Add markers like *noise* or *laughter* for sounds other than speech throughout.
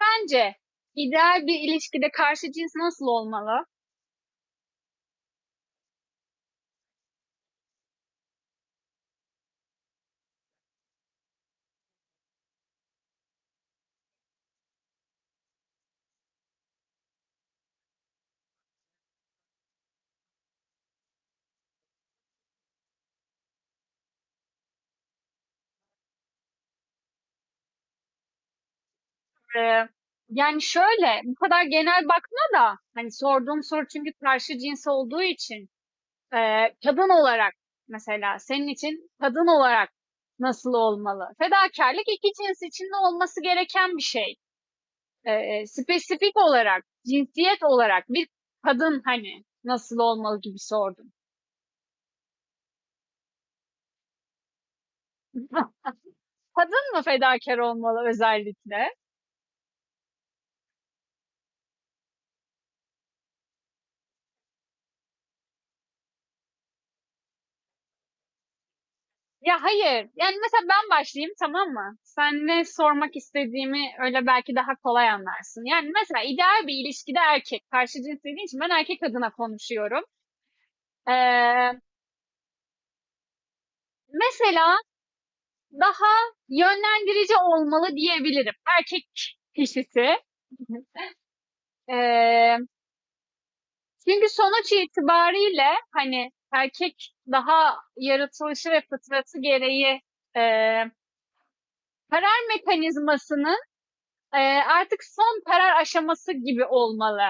Bence ideal bir ilişkide karşı cins nasıl olmalı? Ee, Yani şöyle, bu kadar genel bakma da hani sorduğum soru çünkü karşı cins olduğu için kadın olarak mesela senin için kadın olarak nasıl olmalı? Fedakarlık iki cins içinde olması gereken bir şey. Spesifik olarak, cinsiyet olarak bir kadın hani nasıl olmalı gibi sordum. *laughs* Kadın mı fedakar olmalı özellikle? Ya hayır. Yani mesela ben başlayayım, tamam mı? Sen ne sormak istediğimi öyle belki daha kolay anlarsın. Yani mesela ideal bir ilişkide erkek. Karşı cins dediğin için ben erkek adına konuşuyorum. Ee, Mesela daha yönlendirici olmalı diyebilirim. Erkek kişisi. *laughs* Ee, Çünkü sonuç itibariyle hani erkek daha yaratılışı ve fıtratı gereği e, karar mekanizmasını artık son karar aşaması gibi olmalı.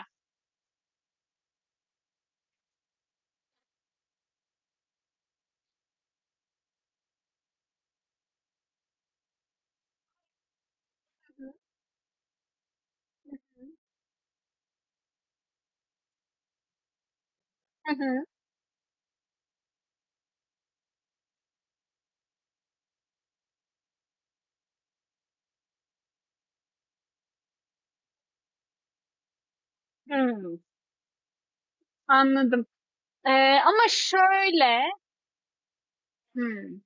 Hı hı. Hımm, anladım. Ama şöyle, hımm,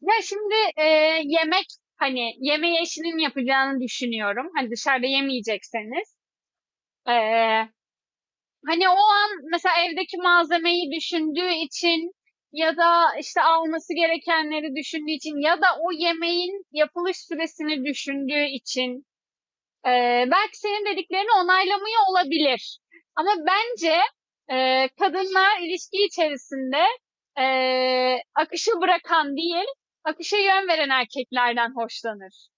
ya, şimdi, yemek, hani, yemeği eşinin yapacağını düşünüyorum. Hani, dışarıda yemeyecekseniz. Eee, Hani, o an mesela evdeki malzemeyi düşündüğü için ya da, işte, alması gerekenleri düşündüğü için ya da o yemeğin yapılış süresini düşündüğü için, belki senin dediklerini onaylamıyor olabilir. Ama bence kadınlar ilişki içerisinde e, akışı bırakan değil, akışa yön veren erkeklerden hoşlanır.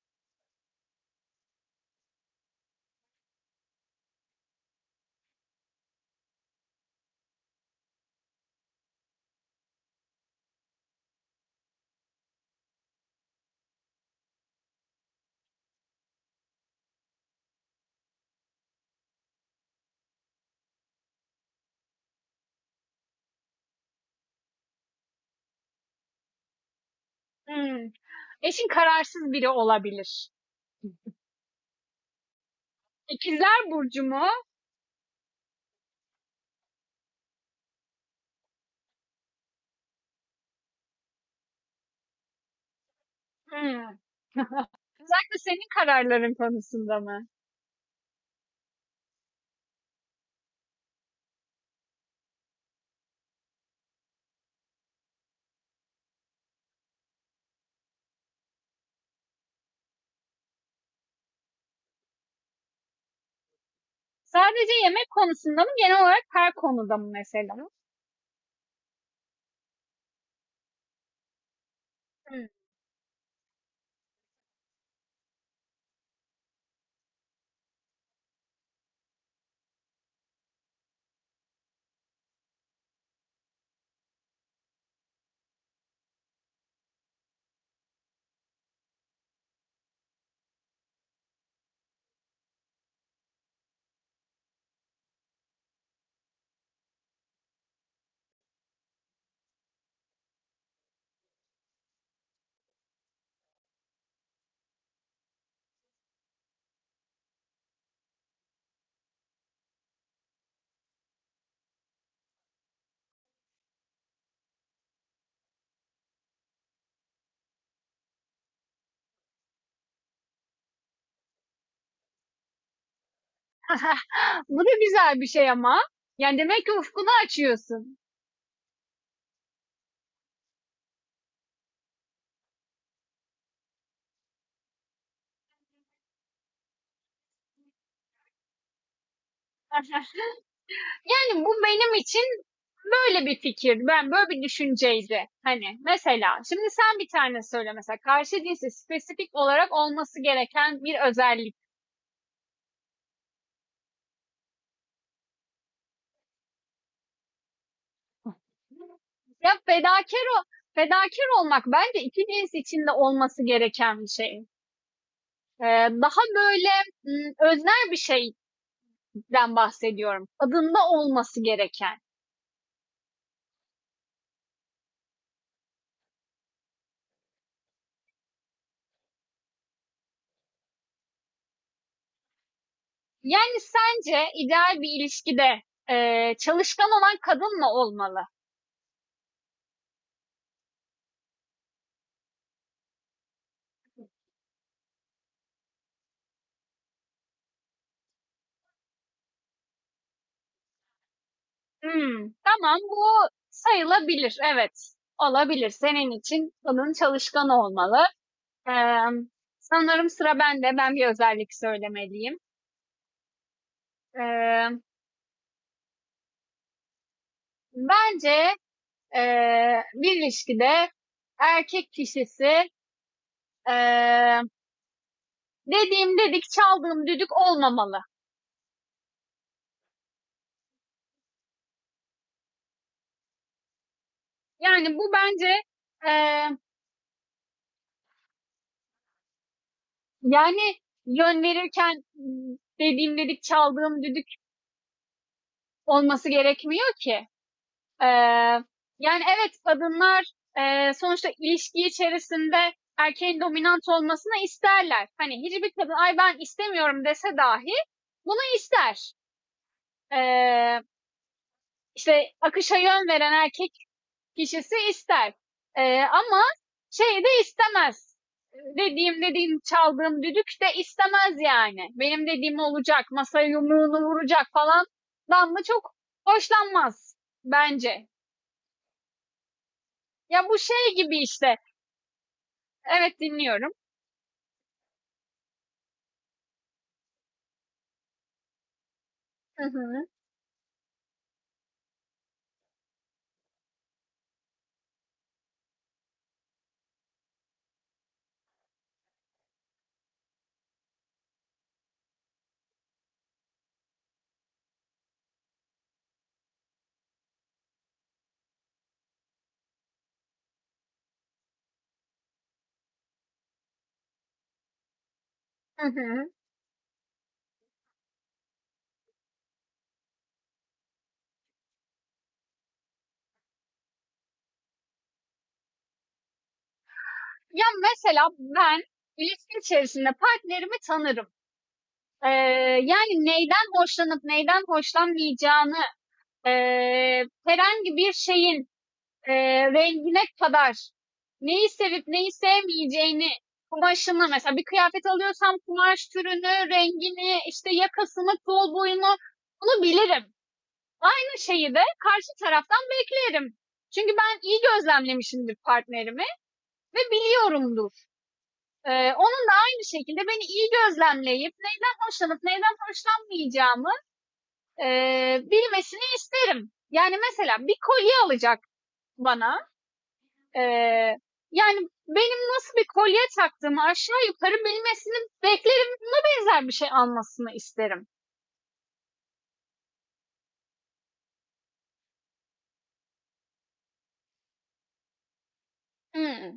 Hmm. Eşin kararsız biri olabilir. İkizler Burcu mu? Hmm. Özellikle senin kararların konusunda mı? Sadece yemek konusunda mı? Genel olarak her konuda mı mesela? Hmm. *laughs* Bu da güzel bir şey ama. Yani demek ki ufkunu açıyorsun. *laughs* Yani bu benim için böyle bir fikir. Ben böyle bir düşünceydi. Hani mesela şimdi sen bir tane söyle mesela karşı cinsi spesifik olarak olması gereken bir özellik. Ya fedakar o Fedakar olmak bence iki cins içinde olması gereken bir şey. Ee, Daha böyle öznel bir şeyden bahsediyorum. Adında olması gereken. Yani sence ideal bir ilişkide çalışkan olan kadın mı olmalı? Hımm, tamam, bu sayılabilir. Evet, olabilir. Senin için bunun çalışkan olmalı. Emm, sanırım sıra bende. Ben bir özellik söylemeliyim. Emm, bence, bir ilişkide erkek kişisi, eee, dediğim dedik, çaldığım düdük olmamalı. Yani bu bence, eee, yani yön verirken, dediğim dedik, çaldığım düdük olması gerekmiyor ki. Eee, yani evet kadınlar sonuçta ilişki içerisinde erkeğin dominant olmasını isterler. Hani hiçbir kadın ay ben istemiyorum dese dahi bunu ister. Eee işte akışa yön veren erkek kişisi ister. Ama şeyi de istemez. Dediğim çaldığım düdük de istemez yani. Benim dediğim olacak, masaya yumruğunu vuracak falan. Dan mı çok hoşlanmaz bence. Ya bu şey gibi işte. Evet, dinliyorum. Hı hı. Hı hı. Ya mesela ben ilişki içerisinde partnerimi tanırım. Ee, yani neyden hoşlanıp neyden hoşlanmayacağını ee, herhangi bir şeyin ee, rengine kadar neyi sevip neyi sevmeyeceğini kumaşını mesela bir kıyafet alıyorsam kumaş türünü, rengini, işte yakasını, kol boyunu bunu bilirim. Aynı şeyi de karşı taraftan bilirim. Çünkü ben iyi gözlemlemişimdir partnerimi. Ve biliyorumdur. Onun da aynı şekilde beni iyi gözlemleyip neyden hoşlanıp neyden hoşlanmayacağımı e, bilmesini isterim. Yani mesela bir kolye alacak bana. Ee, yani benim nasıl bir kolye taktığımı aşağı yukarı bilmesini beklerim, benzer bir şey almasını isterim. Hmm.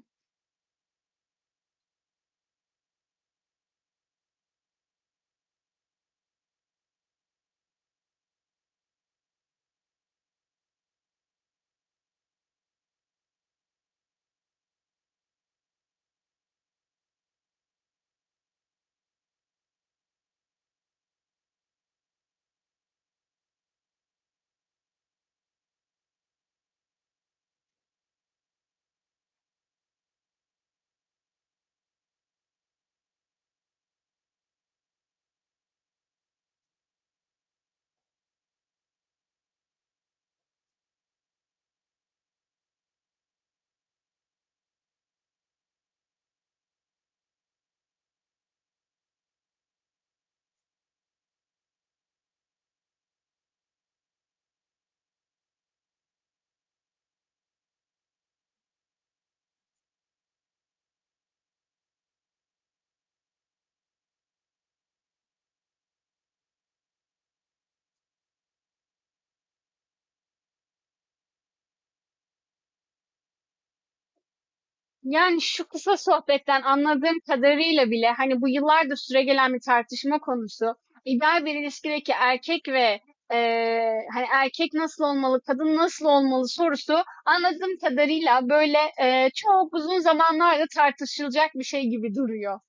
Yani şu kısa sohbetten anladığım kadarıyla bile hani bu yıllardır süregelen bir tartışma konusu. İdeal bir ilişkideki erkek ve hani erkek nasıl olmalı, kadın nasıl olmalı sorusu anladığım kadarıyla böyle çok uzun zamanlarda tartışılacak bir şey gibi duruyor.